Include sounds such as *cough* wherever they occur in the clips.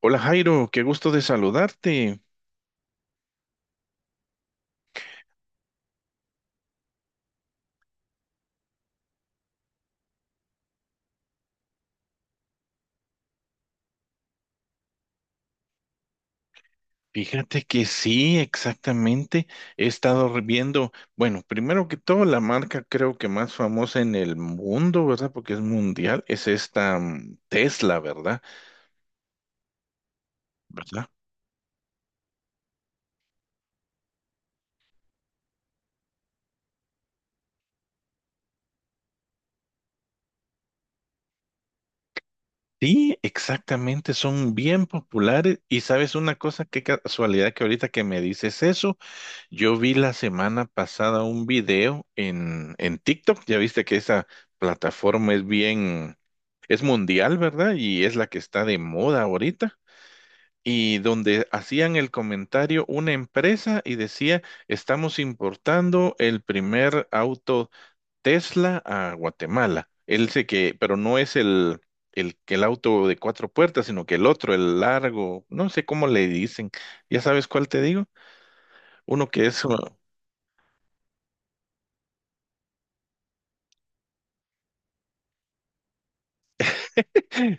Hola Jairo, qué gusto de saludarte. Fíjate que sí, exactamente. He estado viendo, bueno, primero que todo, la marca creo que más famosa en el mundo, ¿verdad? Porque es mundial, es esta Tesla, ¿verdad? ¿Verdad? Sí, exactamente, son bien populares. Y sabes una cosa, qué casualidad que ahorita que me dices eso. Yo vi la semana pasada un video en TikTok, ya viste que esa plataforma es bien, es mundial, ¿verdad? Y es la que está de moda ahorita. Y donde hacían el comentario una empresa y decía, estamos importando el primer auto Tesla a Guatemala. Él sé que, pero no es el auto de cuatro puertas, sino que el otro, el largo, no sé cómo le dicen. ¿Ya sabes cuál te digo? Uno que es...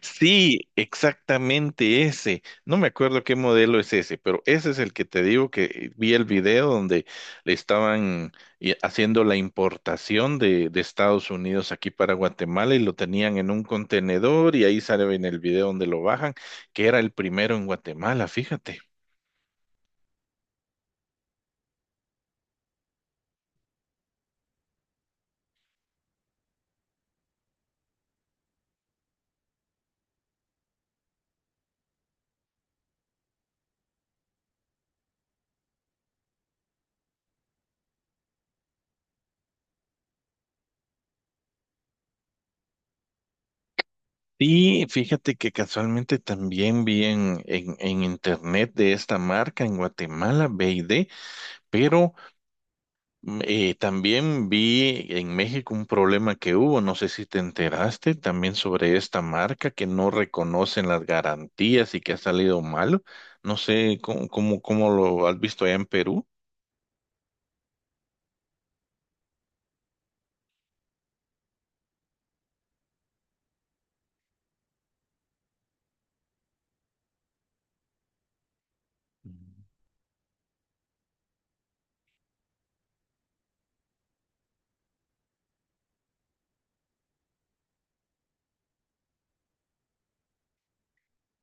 Sí, exactamente ese. No me acuerdo qué modelo es ese, pero ese es el que te digo que vi el video donde le estaban haciendo la importación de Estados Unidos aquí para Guatemala y lo tenían en un contenedor y ahí sale en el video donde lo bajan, que era el primero en Guatemala, fíjate. Sí, fíjate que casualmente también vi en internet de esta marca en Guatemala, BD, pero. Mm. También vi en México un problema que hubo, no sé si te enteraste, también sobre esta marca que no reconocen las garantías y que ha salido malo. No sé cómo lo has visto allá en Perú.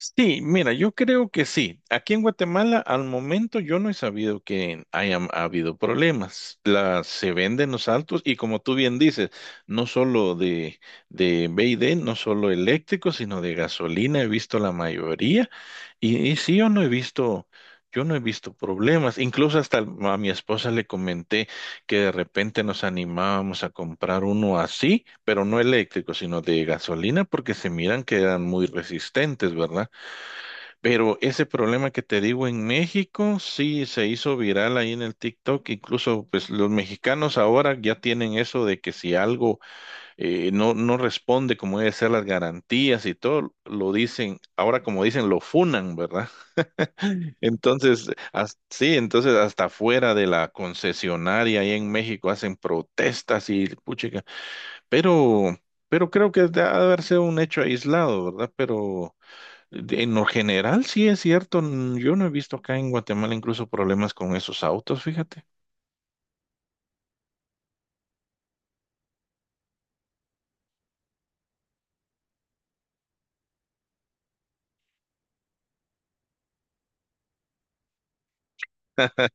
Sí, mira, yo creo que sí. Aquí en Guatemala, al momento, yo no he sabido que hayan habido problemas. Las se venden los autos y como tú bien dices, no solo de B y D, no solo eléctricos, sino de gasolina, he visto la mayoría. Y sí, yo no he visto, yo no he visto problemas. Incluso hasta a mi esposa le comenté que de repente nos animábamos a comprar uno así, pero no eléctrico, sino de gasolina, porque se miran que eran muy resistentes, ¿verdad? Pero ese problema que te digo en México, sí se hizo viral ahí en el TikTok. Incluso, pues los mexicanos ahora ya tienen eso de que si algo no responde como debe ser las garantías y todo, lo dicen, ahora como dicen, lo funan, ¿verdad? *laughs* Entonces, sí, entonces hasta fuera de la concesionaria ahí en México hacen protestas y puchica. Pero, pero creo que ha de haber sido un hecho aislado, ¿verdad? Pero en lo general, sí es cierto. Yo no he visto acá en Guatemala incluso problemas con esos autos, fíjate. *laughs*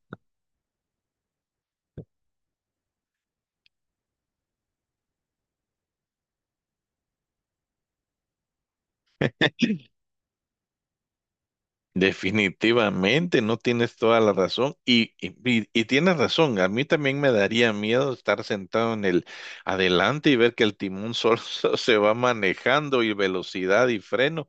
Definitivamente, no tienes toda la razón. Y tienes razón, a mí también me daría miedo estar sentado en el adelante y ver que el timón solo *laughs* se va manejando y velocidad y freno.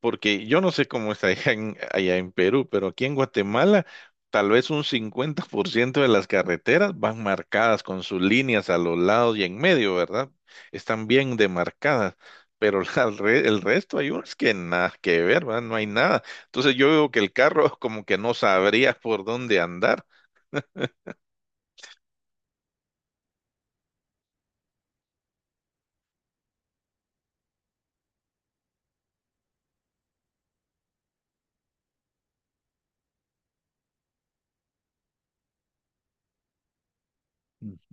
Porque yo no sé cómo está allá en Perú, pero aquí en Guatemala tal vez un 50% de las carreteras van marcadas con sus líneas a los lados y en medio, ¿verdad? Están bien demarcadas, pero *laughs* la el resto hay unas que nada que ver, ¿verdad? No hay nada. Entonces yo veo que el carro *laughs* como que no sabría por dónde andar.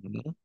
Ujú.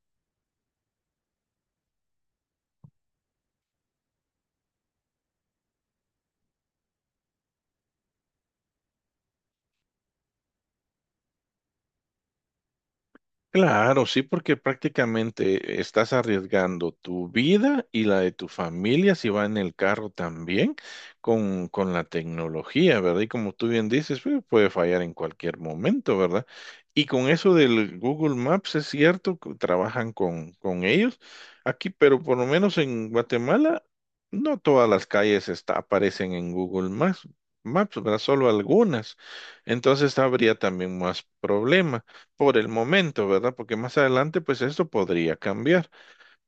Claro, sí, porque prácticamente estás arriesgando tu vida y la de tu familia si va en el carro también con la tecnología, ¿verdad? Y como tú bien dices, pues, puede fallar en cualquier momento, ¿verdad? Y con eso del Google Maps, es cierto, que trabajan con ellos aquí, pero por lo menos en Guatemala, no todas las calles está, aparecen en Google Maps, Maps, ¿verdad? Solo algunas. Entonces habría también más problemas por el momento, ¿verdad? Porque más adelante, pues esto podría cambiar.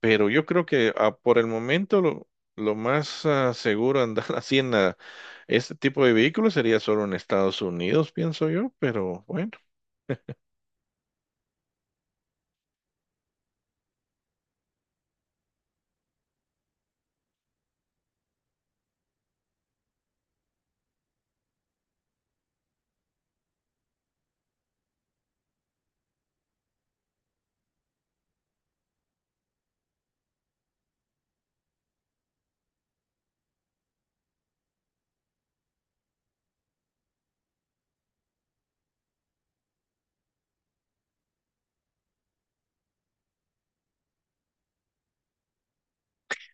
Pero yo creo que por el momento lo más seguro andar *laughs* así haciendo este tipo de vehículos sería solo en Estados Unidos, pienso yo, pero bueno.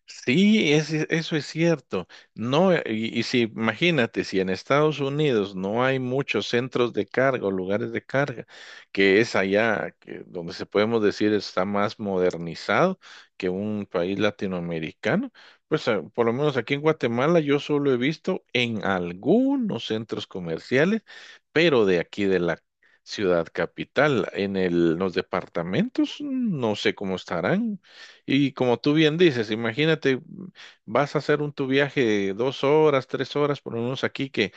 Sí, eso es cierto. No, y si imagínate, si en Estados Unidos no hay muchos centros de carga o lugares de carga, que es allá que, donde se podemos decir está más modernizado que un país latinoamericano, pues por lo menos aquí en Guatemala yo solo he visto en algunos centros comerciales, pero de aquí de la ciudad capital, en los departamentos, no sé cómo estarán. Y como tú bien dices, imagínate, vas a hacer un tu viaje de dos horas, tres horas, por lo menos aquí que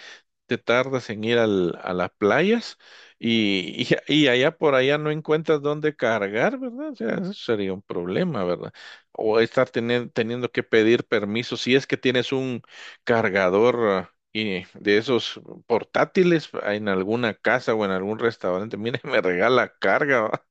te tardas en ir a las playas y, *laughs* y allá por allá no encuentras dónde cargar, ¿verdad? O sea, eso sería un problema, ¿verdad? O estar teniendo que pedir permiso si es que tienes un cargador y de esos portátiles en alguna casa o en algún restaurante. Mire, *laughs* me regala carga, ¿va?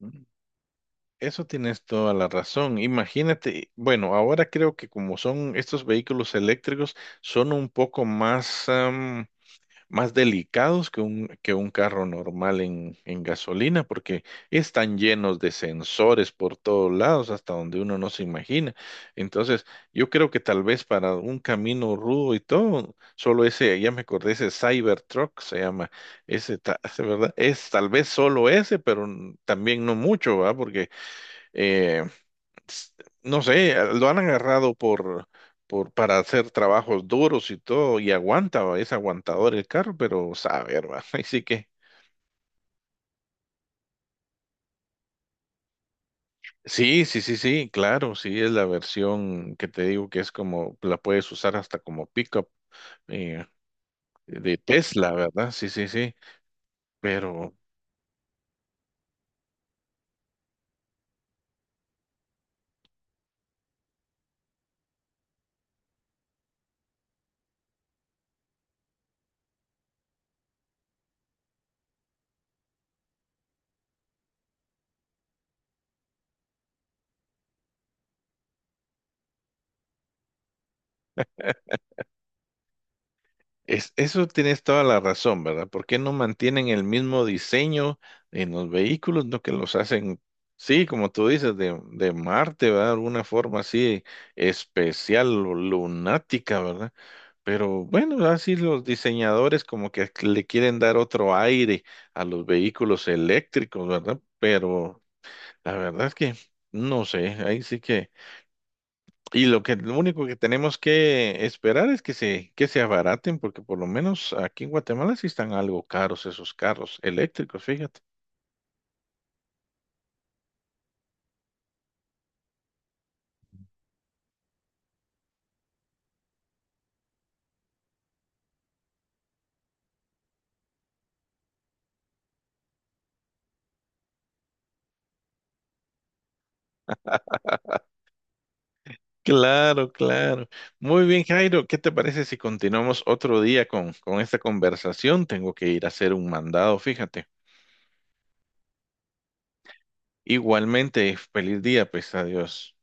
Ujú. Eso tienes toda la razón. Imagínate, bueno, ahora creo que como son estos vehículos eléctricos, son un poco más, más delicados que que un carro normal en gasolina, porque están llenos de sensores por todos lados, hasta donde uno no se imagina. Entonces, yo creo que tal vez para un camino rudo y todo, solo ese, ya me acordé, ese Cybertruck se llama, ese, ese, ¿verdad? Es tal vez solo ese, pero también no mucho, ¿va? Porque eh, s- no sé, lo han agarrado para hacer trabajos duros y todo, y aguanta, va, es aguantador el carro, pero sabe, hermano, *laughs* así que, sí, sí, sí, sí, claro, sí, es la versión que te digo que es como, la puedes usar hasta como pickup eh, de Tesla, ¿verdad? Sí, sí, sí, pero. Eso tienes toda la razón, ¿verdad? ¿Por qué no mantienen el mismo diseño en los vehículos, no que los hacen, sí, como tú dices, de Marte, ¿verdad? De alguna forma así especial o lunática, ¿verdad? Pero bueno, así los diseñadores como que le quieren dar otro aire a los vehículos eléctricos, ¿verdad? Pero la verdad es que no sé, ahí sí que... Y lo único que tenemos que esperar es que que se abaraten, porque por lo menos aquí en Guatemala sí están algo caros esos carros eléctricos, fíjate. Claro, claro. Muy bien, Jairo, ¿qué te parece si continuamos otro día con esta conversación? Tengo que ir a hacer un mandado, fíjate. Igualmente, feliz día, pues adiós.